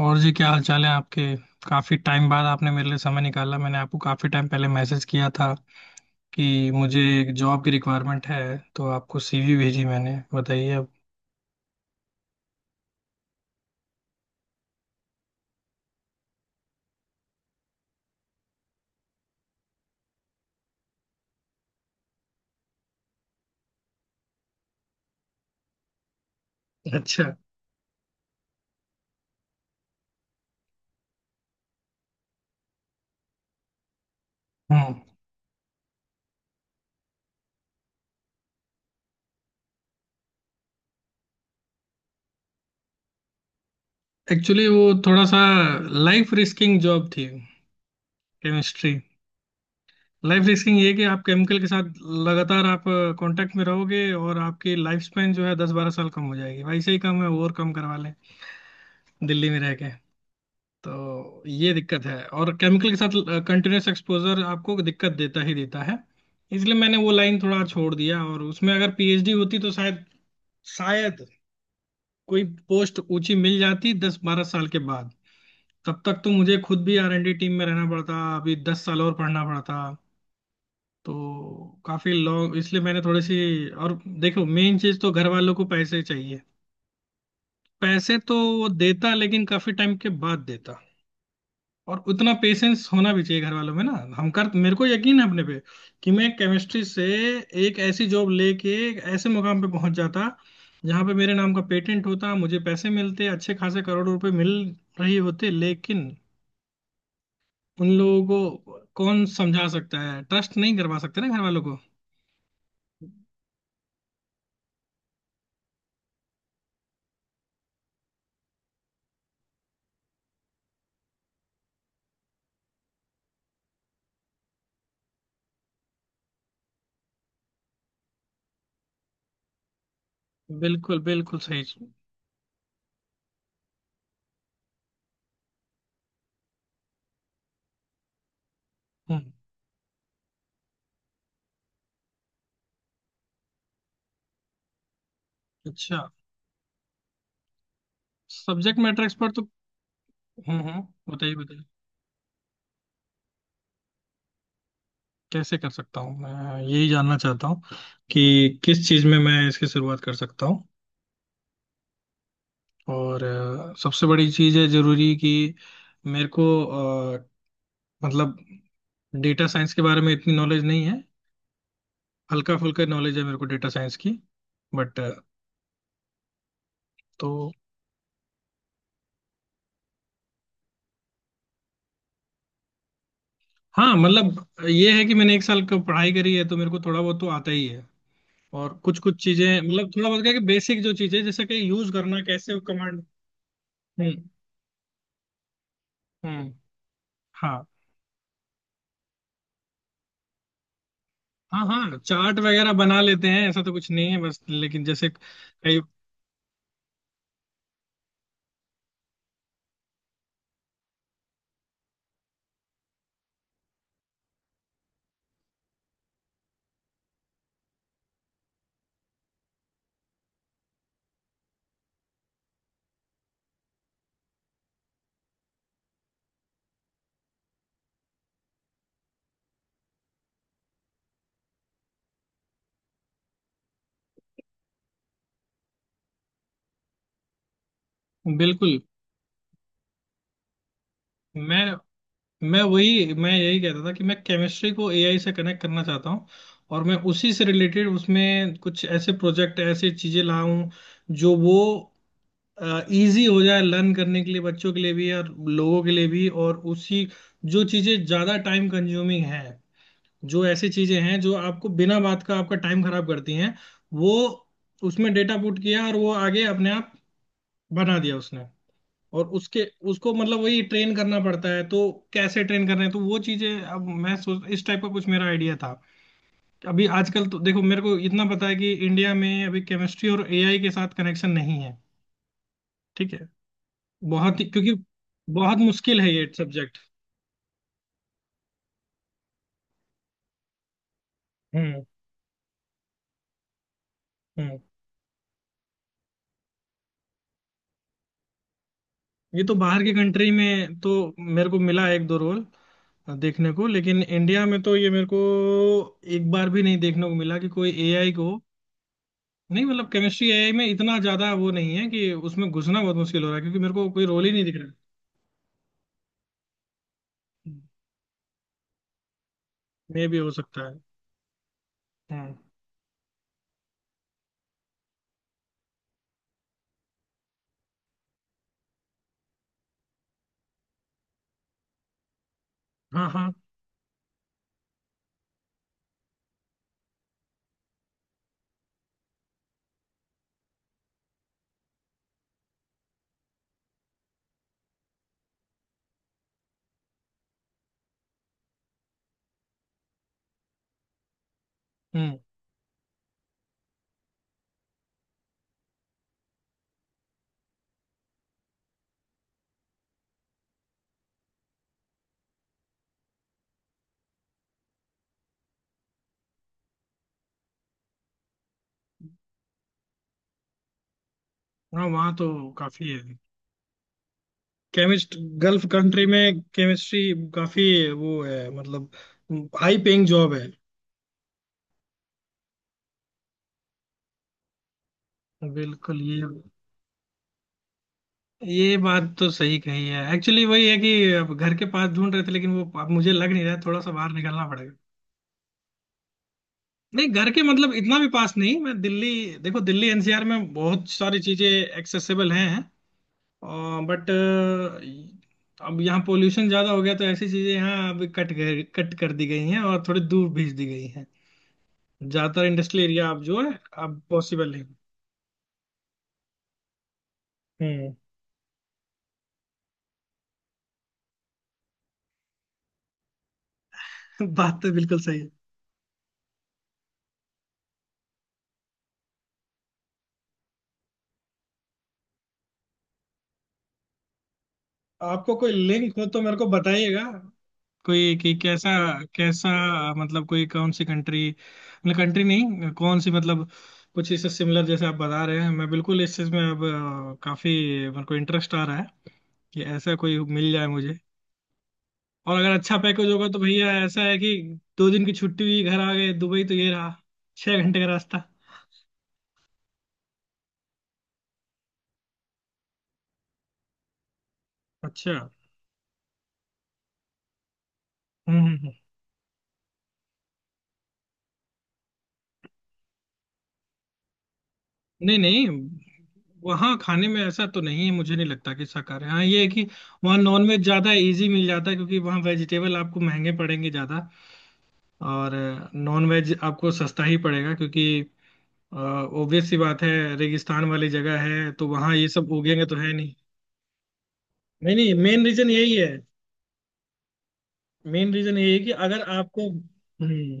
और जी, क्या हाल चाल है आपके। काफी टाइम बाद आपने मेरे लिए समय निकाला। मैंने आपको काफी टाइम पहले मैसेज किया था कि मुझे एक जॉब की रिक्वायरमेंट है, तो आपको सीवी भेजी मैंने। बताइए अब। अच्छा। हम्म। एक्चुअली वो थोड़ा सा लाइफ रिस्किंग जॉब थी, केमिस्ट्री। लाइफ रिस्किंग ये कि आप केमिकल के साथ लगातार आप कांटेक्ट में रहोगे और आपकी लाइफ स्पेन जो है 10-12 साल कम हो जाएगी। भाई से ही कम है और कम करवा लें दिल्ली में रह के। तो ये दिक्कत है और केमिकल के साथ कंटिन्यूस एक्सपोजर आपको दिक्कत देता ही देता है। इसलिए मैंने वो लाइन थोड़ा छोड़ दिया और उसमें अगर पीएचडी होती तो शायद शायद कोई पोस्ट ऊंची मिल जाती 10-12 साल के बाद। तब तक तो मुझे खुद भी आर एन डी टीम में रहना पड़ता, अभी 10 साल और पढ़ना पड़ता, तो काफी लॉन्ग। इसलिए मैंने थोड़ी सी। और देखो मेन चीज तो घर वालों को पैसे चाहिए। पैसे तो वो देता लेकिन काफी टाइम के बाद देता। और उतना पेशेंस होना भी चाहिए घर वालों में ना। हम कर। मेरे को यकीन है अपने पे कि मैं केमिस्ट्री से एक ऐसी जॉब लेके एक ऐसे मुकाम पे पहुंच जाता जहां पे मेरे नाम का पेटेंट होता, मुझे पैसे मिलते अच्छे खासे करोड़ों रुपए मिल रही होते, लेकिन उन लोगों को कौन समझा सकता है। ट्रस्ट नहीं करवा सकते ना घर वालों को। बिल्कुल बिल्कुल सही। हम्म। अच्छा। सब्जेक्ट मैटर एक्सपर्ट तो। हम्म, बताइए बताइए। कैसे कर सकता हूँ मैं, यही जानना चाहता हूँ कि किस चीज़ में मैं इसकी शुरुआत कर सकता हूँ। और सबसे बड़ी चीज़ है जरूरी कि मेरे को अ, मतलब डेटा साइंस के बारे में इतनी नॉलेज नहीं है। हल्का फुल्का नॉलेज है मेरे को डेटा साइंस की, बट। तो हाँ, मतलब ये है कि मैंने एक साल का पढ़ाई करी है तो मेरे को थोड़ा बहुत तो आता ही है। और कुछ कुछ चीज़ें मतलब थोड़ा बहुत क्या है कि बेसिक जो चीज़ें, जैसे कि यूज़ करना कैसे, कमांड। हम्म हम्म। हाँ। हाँ हाँ, चार्ट वगैरह बना लेते हैं, ऐसा तो कुछ नहीं है बस, लेकिन जैसे कई। बिल्कुल। मैं मैं यही कहता था कि मैं केमिस्ट्री को एआई से कनेक्ट करना चाहता हूँ और मैं उसी से रिलेटेड उसमें कुछ ऐसे प्रोजेक्ट, ऐसी चीजें लाऊं जो वो इजी हो जाए लर्न करने के लिए, बच्चों के लिए भी और लोगों के लिए भी। और उसी जो चीजें ज्यादा टाइम कंज्यूमिंग है, जो ऐसी चीजें हैं जो आपको बिना बात का आपका टाइम खराब करती हैं, वो उसमें डेटा पुट किया और वो आगे अपने आप बना दिया उसने। और उसके उसको मतलब वही ट्रेन करना पड़ता है, तो कैसे ट्रेन कर रहे हैं। तो वो चीजें अब मैं सोच, इस टाइप का कुछ मेरा आइडिया था। अभी आजकल तो देखो मेरे को इतना पता है कि इंडिया में अभी केमिस्ट्री और एआई के साथ कनेक्शन नहीं है, ठीक है। बहुत ही क्योंकि बहुत मुश्किल है ये सब्जेक्ट। हम्म हम्म। ये तो बाहर की कंट्री में तो मेरे को मिला एक दो रोल देखने को, लेकिन इंडिया में तो ये मेरे को एक बार भी नहीं देखने को मिला कि कोई एआई को। नहीं, मतलब केमिस्ट्री एआई में इतना ज्यादा वो नहीं है कि उसमें घुसना बहुत मुश्किल हो रहा है क्योंकि मेरे को कोई रोल ही नहीं दिख रहा है। मे भी हो सकता है। हम्म। हाँ हाँ। हम्म। हाँ वहाँ तो काफी है। केमिस्ट गल्फ कंट्री में, केमिस्ट्री काफी वो है मतलब हाई पेइंग जॉब है। बिल्कुल ये। ये बात तो सही कही है, एक्चुअली वही है कि अब घर के पास ढूंढ रहे थे लेकिन वो अब मुझे लग नहीं रहा है, थोड़ा सा बाहर निकलना पड़ेगा। नहीं घर के मतलब इतना भी पास नहीं, मैं दिल्ली। देखो दिल्ली एनसीआर में बहुत सारी चीजें एक्सेसिबल हैं, बट अब यहाँ पोल्यूशन ज्यादा हो गया तो ऐसी चीजें यहाँ अब कट गए, कट कर दी गई हैं और थोड़ी दूर भेज दी गई हैं। ज्यादातर इंडस्ट्रियल एरिया अब जो है, अब पॉसिबल नहीं। हम्म बात तो बिल्कुल सही है। आपको कोई लिंक हो तो मेरे को बताइएगा, कोई कि कैसा। कैसा मतलब कोई, कौन सी कंट्री, मतलब कंट्री नहीं, कौन सी मतलब कुछ इससे सिमिलर जैसे आप बता रहे हैं। मैं बिल्कुल इस चीज में अब काफी मेरे को इंटरेस्ट आ रहा है कि ऐसा कोई मिल जाए मुझे। और अगर अच्छा पैकेज होगा तो भैया ऐसा है कि दो दिन की छुट्टी हुई घर आ गए, दुबई तो ये रहा, 6 घंटे का रास्ता। अच्छा। हम्म हम्म, हम्म। नहीं नहीं, वहाँ खाने में ऐसा तो नहीं है मुझे नहीं लगता कि शाकाहारी। हाँ ये है कि वहाँ नॉनवेज ज्यादा इजी मिल जाता है क्योंकि वहाँ वेजिटेबल आपको महंगे पड़ेंगे ज्यादा। और नॉन वेज आपको सस्ता ही पड़ेगा क्योंकि ऑब्वियस सी बात है, रेगिस्तान वाली जगह है, तो वहाँ ये सब उगेंगे तो है नहीं। नहीं नहीं, मेन रीजन यही है। मेन रीजन यही है कि अगर आपको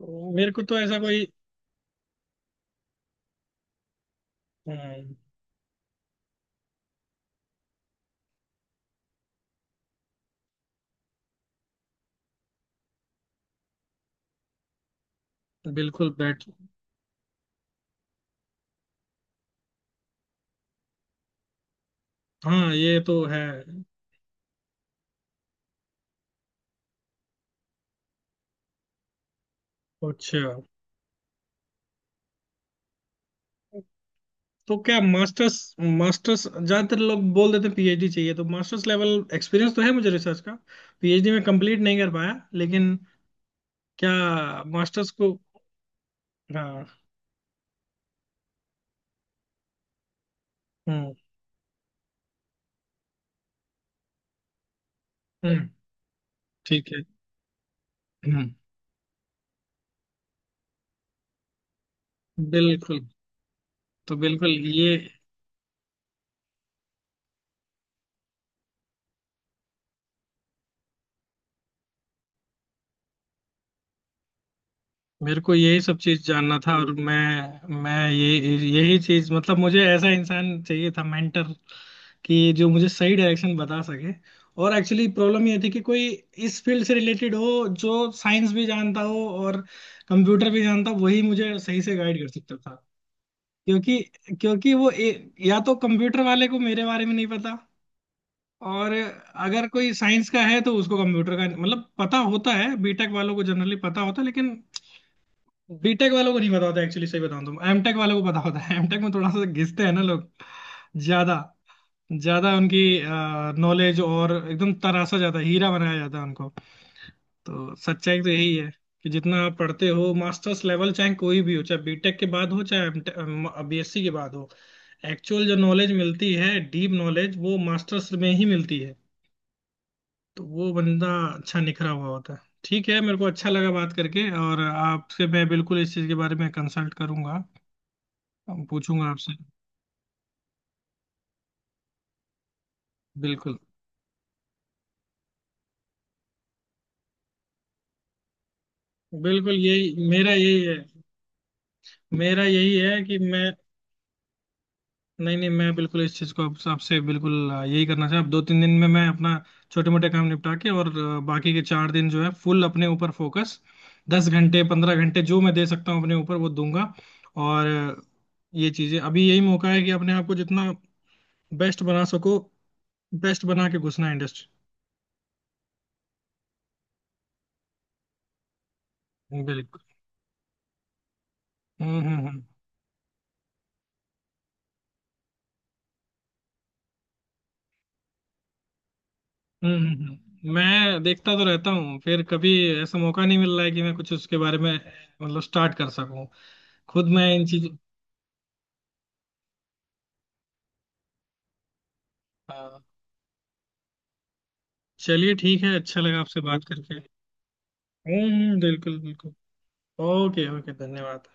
तो मेरे को तो ऐसा कोई। हम्म, बिल्कुल बैठ। हाँ ये तो है। अच्छा। तो क्या मास्टर्स। मास्टर्स ज्यादातर लोग बोल देते हैं पीएचडी चाहिए, तो मास्टर्स लेवल एक्सपीरियंस तो है मुझे रिसर्च का। पीएचडी में कंप्लीट नहीं कर पाया, लेकिन क्या मास्टर्स को। हाँ। हम्म, हम्म। ठीक है। हम्म। बिल्कुल। तो बिल्कुल ये मेरे को यही सब चीज जानना था और मैं ये यही चीज मतलब मुझे ऐसा इंसान चाहिए था मेंटर कि जो मुझे सही डायरेक्शन बता सके। और एक्चुअली प्रॉब्लम ये थी कि कोई इस फील्ड से रिलेटेड हो, जो साइंस भी जानता हो और कंप्यूटर भी जानता हो, वही मुझे सही से गाइड कर सकता था। क्योंकि क्योंकि वो या तो कंप्यूटर वाले को मेरे बारे में नहीं पता। और अगर कोई साइंस का है तो उसको कंप्यूटर का मतलब पता होता है, बीटेक वालों को जनरली पता होता है, लेकिन बीटेक वालों को नहीं पता होता। एक्चुअली सही बताऊं तो एमटेक वालों को पता होता है एमटेक में थोड़ा सा घिसते हैं ना लोग ज्यादा, ज्यादा उनकी नॉलेज। और एकदम तरासा जाता है, हीरा बनाया जाता है उनको। तो सच्चाई तो यही है कि जितना आप पढ़ते हो मास्टर्स लेवल, चाहे कोई भी हो, चाहे बीटेक के बाद हो चाहे बीएससी के बाद हो, एक्चुअल जो नॉलेज मिलती है डीप नॉलेज, वो मास्टर्स में ही मिलती है। तो वो बंदा अच्छा निखरा हुआ होता है। ठीक है, मेरे को अच्छा लगा बात करके और आपसे मैं बिल्कुल इस चीज के बारे में कंसल्ट करूंगा, पूछूंगा आपसे। बिल्कुल बिल्कुल यही मेरा यही है। मेरा यही है कि मैं। नहीं नहीं, मैं बिल्कुल इस चीज को आपसे बिल्कुल यही करना चाहूँ। 2-3 दिन में मैं अपना छोटे मोटे काम निपटा के और बाकी के 4 दिन जो है फुल अपने ऊपर फोकस। 10 घंटे 15 घंटे जो मैं दे सकता हूँ अपने ऊपर वो दूंगा। और ये चीजें अभी यही मौका है कि अपने आप को जितना बेस्ट बना सको, बेस्ट बना के घुसना इंडस्ट्री। बिल्कुल। हम्म। मैं देखता तो रहता हूँ, फिर कभी ऐसा मौका नहीं मिल रहा है कि मैं कुछ उसके बारे में मतलब स्टार्ट कर सकूं खुद मैं इन चीज। हाँ। चलिए ठीक है, अच्छा लगा आपसे बात करके। बिल्कुल बिल्कुल। ओके ओके, धन्यवाद।